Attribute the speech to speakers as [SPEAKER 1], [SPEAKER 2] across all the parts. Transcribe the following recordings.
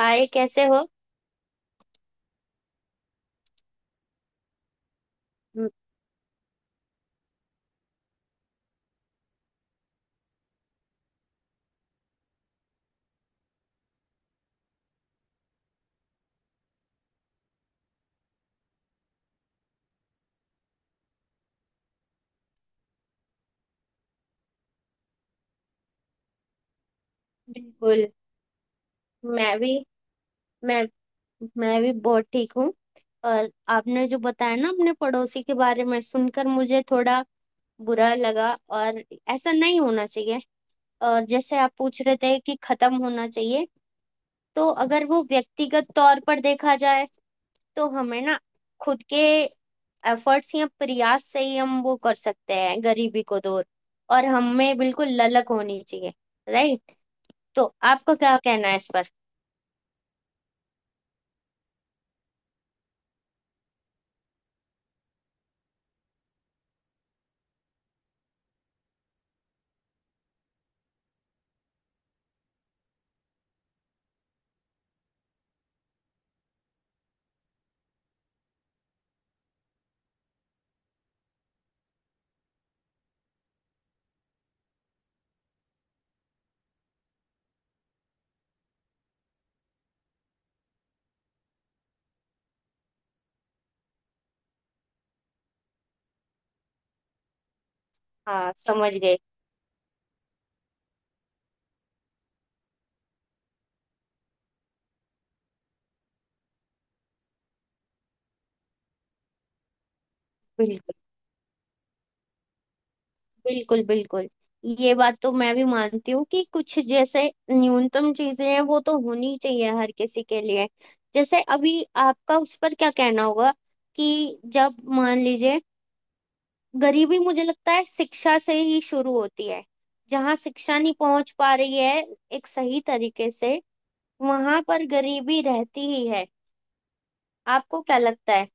[SPEAKER 1] हाय, कैसे हो। हम्म, बिल्कुल। मैं भी मैं मैं भी बहुत ठीक हूँ। और आपने जो बताया ना अपने पड़ोसी के बारे में, सुनकर मुझे थोड़ा बुरा लगा। और ऐसा नहीं होना चाहिए। और जैसे आप पूछ रहे थे कि खत्म होना चाहिए, तो अगर वो व्यक्तिगत तौर पर देखा जाए, तो हमें ना खुद के एफर्ट्स या प्रयास से ही हम वो कर सकते हैं गरीबी को दूर। और हमें बिल्कुल ललक होनी चाहिए, राइट। तो आपका क्या कहना है इस पर। हाँ, समझ गए। बिल्कुल, बिल्कुल, बिल्कुल। ये बात तो मैं भी मानती हूँ कि कुछ जैसे न्यूनतम चीजें हैं, वो तो होनी चाहिए हर किसी के लिए। जैसे अभी आपका उस पर क्या कहना होगा कि जब मान लीजिए, गरीबी मुझे लगता है शिक्षा से ही शुरू होती है। जहाँ शिक्षा नहीं पहुंच पा रही है एक सही तरीके से, वहां पर गरीबी रहती ही है। आपको क्या लगता है।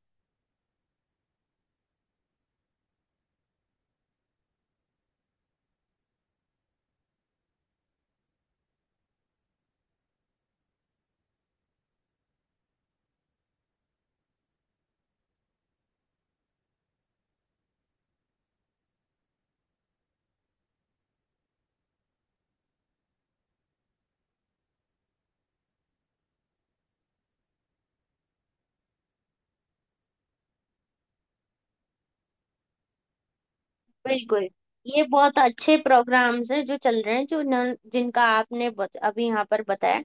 [SPEAKER 1] बिल्कुल। ये बहुत अच्छे प्रोग्राम्स हैं जो चल रहे हैं, जो न, जिनका आपने बत, अभी यहाँ पर बताया।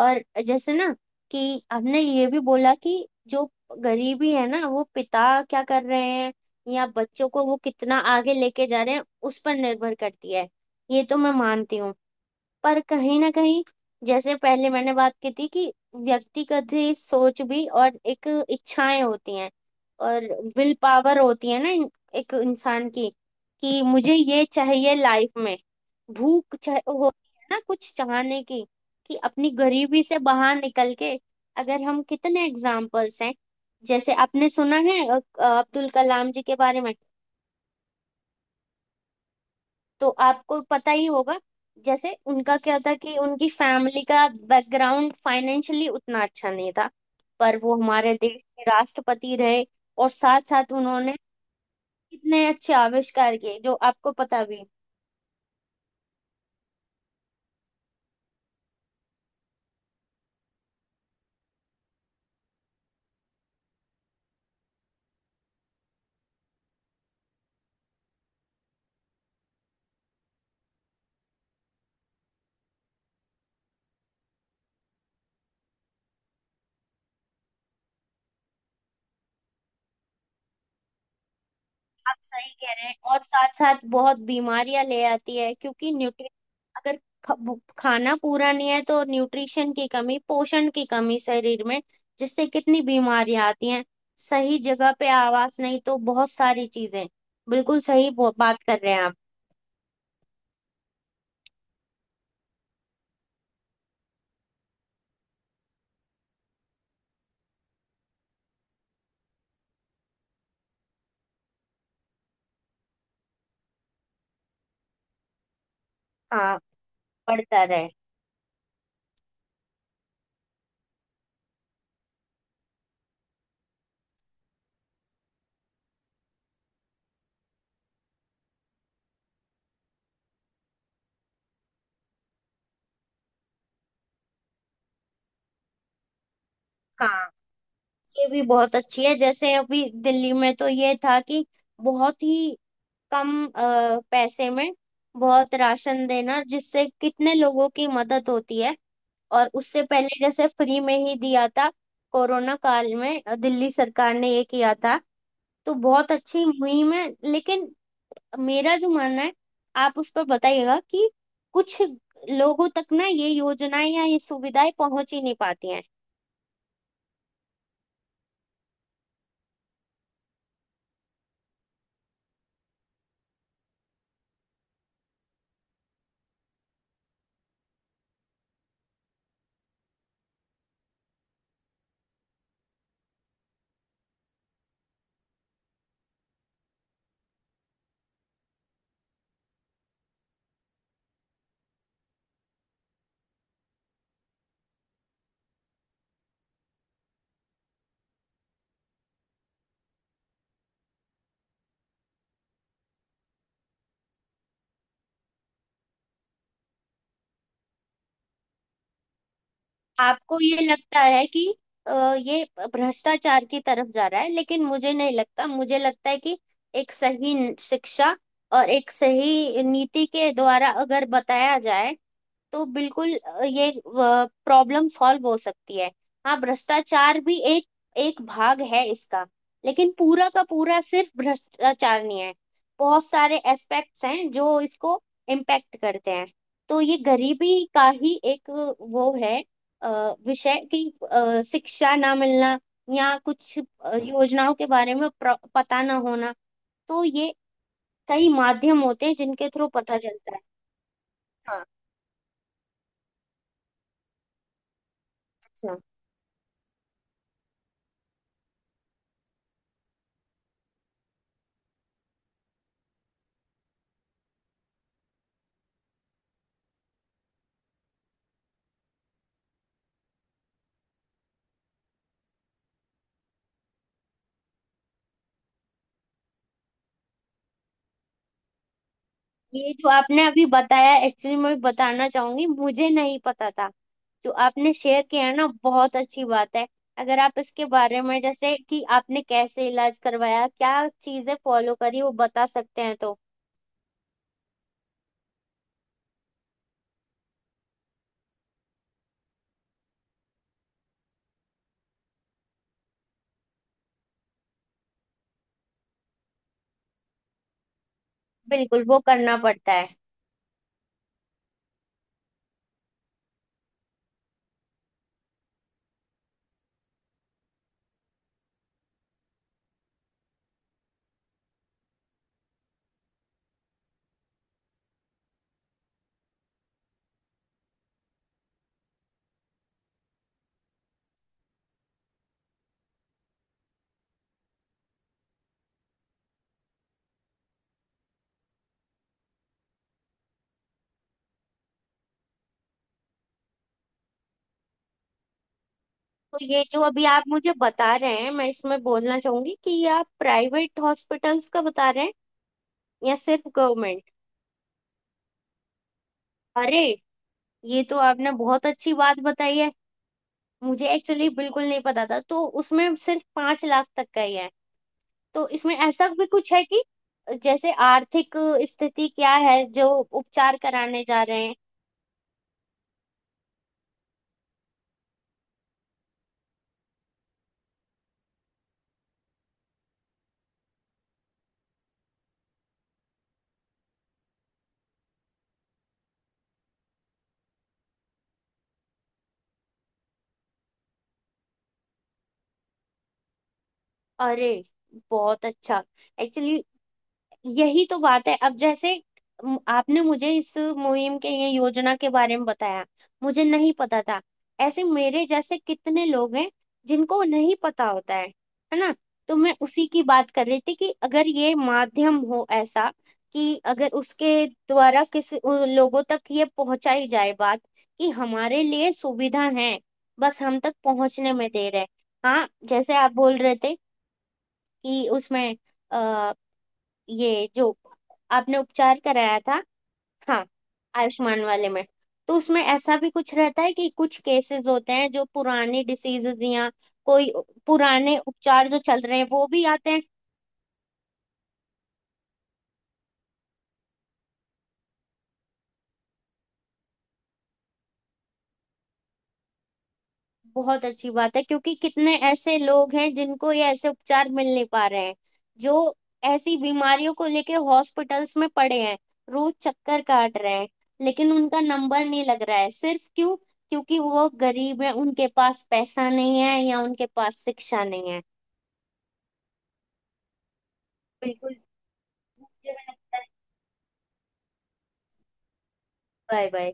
[SPEAKER 1] और जैसे ना कि आपने ये भी बोला कि जो गरीबी है ना, वो पिता क्या कर रहे हैं या बच्चों को वो कितना आगे लेके जा रहे हैं, उस पर निर्भर करती है। ये तो मैं मानती हूँ। पर कहीं ना कहीं जैसे पहले मैंने बात की थी कि व्यक्तिगत ही सोच भी और एक इच्छाएं होती हैं। और विल पावर होती है ना इन- एक इंसान की, कि मुझे ये चाहिए लाइफ में। भूख चाह होती है ना कुछ चाहने की, कि अपनी गरीबी से बाहर निकल के। अगर हम, कितने एग्जाम्पल्स हैं। जैसे आपने सुना है अब्दुल कलाम जी के बारे में, तो आपको पता ही होगा। जैसे उनका क्या था कि उनकी फैमिली का बैकग्राउंड फाइनेंशियली उतना अच्छा नहीं था, पर वो हमारे देश के राष्ट्रपति रहे। और साथ साथ उन्होंने कितने अच्छे आविष्कार किए जो आपको पता भी। आप सही कह रहे हैं। और साथ साथ बहुत बीमारियां ले आती है क्योंकि न्यूट्रि, अगर ख- भु- खाना पूरा नहीं है, तो न्यूट्रिशन की कमी, पोषण की कमी शरीर में, जिससे कितनी बीमारियां आती हैं। सही जगह पे आवास नहीं, तो बहुत सारी चीजें। बिल्कुल सही बो- बात कर रहे हैं आप। हाँ, बढ़ता रहे। हाँ, ये भी बहुत अच्छी है। जैसे अभी दिल्ली में तो ये था कि बहुत ही कम पैसे में बहुत राशन देना, जिससे कितने लोगों की मदद होती है। और उससे पहले जैसे फ्री में ही दिया था कोरोना काल में, दिल्ली सरकार ने ये किया था। तो बहुत अच्छी मुहिम है, लेकिन मेरा जो मानना है, आप उस पर बताइएगा, कि कुछ लोगों तक ना ये योजनाएं या ये सुविधाएं पहुंच ही नहीं पाती हैं। आपको ये लगता है कि अ, ये भ्रष्टाचार की तरफ जा रहा है, लेकिन मुझे नहीं लगता। मुझे लगता है कि एक सही शिक्षा और एक सही नीति के द्वारा अगर बताया जाए, तो बिल्कुल ये प्रॉब्लम सॉल्व हो सकती है। हाँ, भ्रष्टाचार भी एक एक भाग है इसका, लेकिन पूरा का पूरा सिर्फ भ्रष्टाचार नहीं है। बहुत सारे एस्पेक्ट्स हैं जो इसको इम्पैक्ट करते हैं। तो ये गरीबी का ही एक वो है, अ, विषय कि शिक्षा ना मिलना या कुछ योजनाओं के बारे में प्र- पता ना होना। तो ये कई माध्यम होते हैं जिनके थ्रू पता चलता है। हाँ, अच्छा। ये जो आपने अभी बताया, एक्चुअली मैं बताना चाहूंगी, मुझे नहीं पता था। जो आपने शेयर किया है ना, बहुत अच्छी बात है। अगर आप इसके बारे में, जैसे कि आपने कैसे इलाज करवाया, क्या चीजें फॉलो करी, वो बता सकते हैं तो। बिल्कुल, वो करना पड़ता है। तो ये जो अभी आप मुझे बता रहे हैं, मैं इसमें बोलना चाहूंगी कि ये आप प्राइवेट हॉस्पिटल्स का बता रहे हैं या सिर्फ गवर्नमेंट। अरे, ये तो आपने बहुत अच्छी बात बताई है। मुझे एक्चुअली बिल्कुल नहीं पता था। तो उसमें सिर्फ 5 लाख तक का ही है। तो इसमें ऐसा भी कुछ है कि जैसे आर्थिक स्थिति क्या है जो उपचार कराने जा रहे हैं। अरे, बहुत अच्छा। एक्चुअली यही तो बात है। अब जैसे म- आपने मुझे इस मुहिम के, ये योजना के बारे में बताया, मुझे नहीं पता था। ऐसे मेरे जैसे कितने लोग हैं जिनको नहीं पता होता है ना। तो मैं उसी की बात कर रही थी कि अगर ये माध्यम हो ऐसा, कि अगर उसके द्वारा किसी, उन लोगों तक ये पहुंचाई जाए बात कि हमारे लिए सुविधा है, बस हम तक पहुंचने में देर है। हाँ, जैसे आप बोल रहे थे कि उसमें ये जो आपने उपचार कराया था। हाँ, आयुष्मान वाले में, तो उसमें ऐसा भी कुछ रहता है कि कुछ केसेस होते हैं जो पुराने डिसीजेज या कोई पुराने उपचार जो चल रहे हैं, वो भी आते हैं। बहुत अच्छी बात है क्योंकि कितने ऐसे लोग हैं जिनको ये ऐसे उपचार मिल नहीं पा रहे हैं, जो ऐसी बीमारियों को लेके हॉस्पिटल्स में पड़े हैं, रोज चक्कर काट रहे हैं, लेकिन उनका नंबर नहीं लग रहा है सिर्फ क्यों, क्योंकि वो गरीब हैं, उनके पास पैसा नहीं है या उनके पास शिक्षा नहीं है। बिल्कुल, मुझे भी लगता है। Bye bye.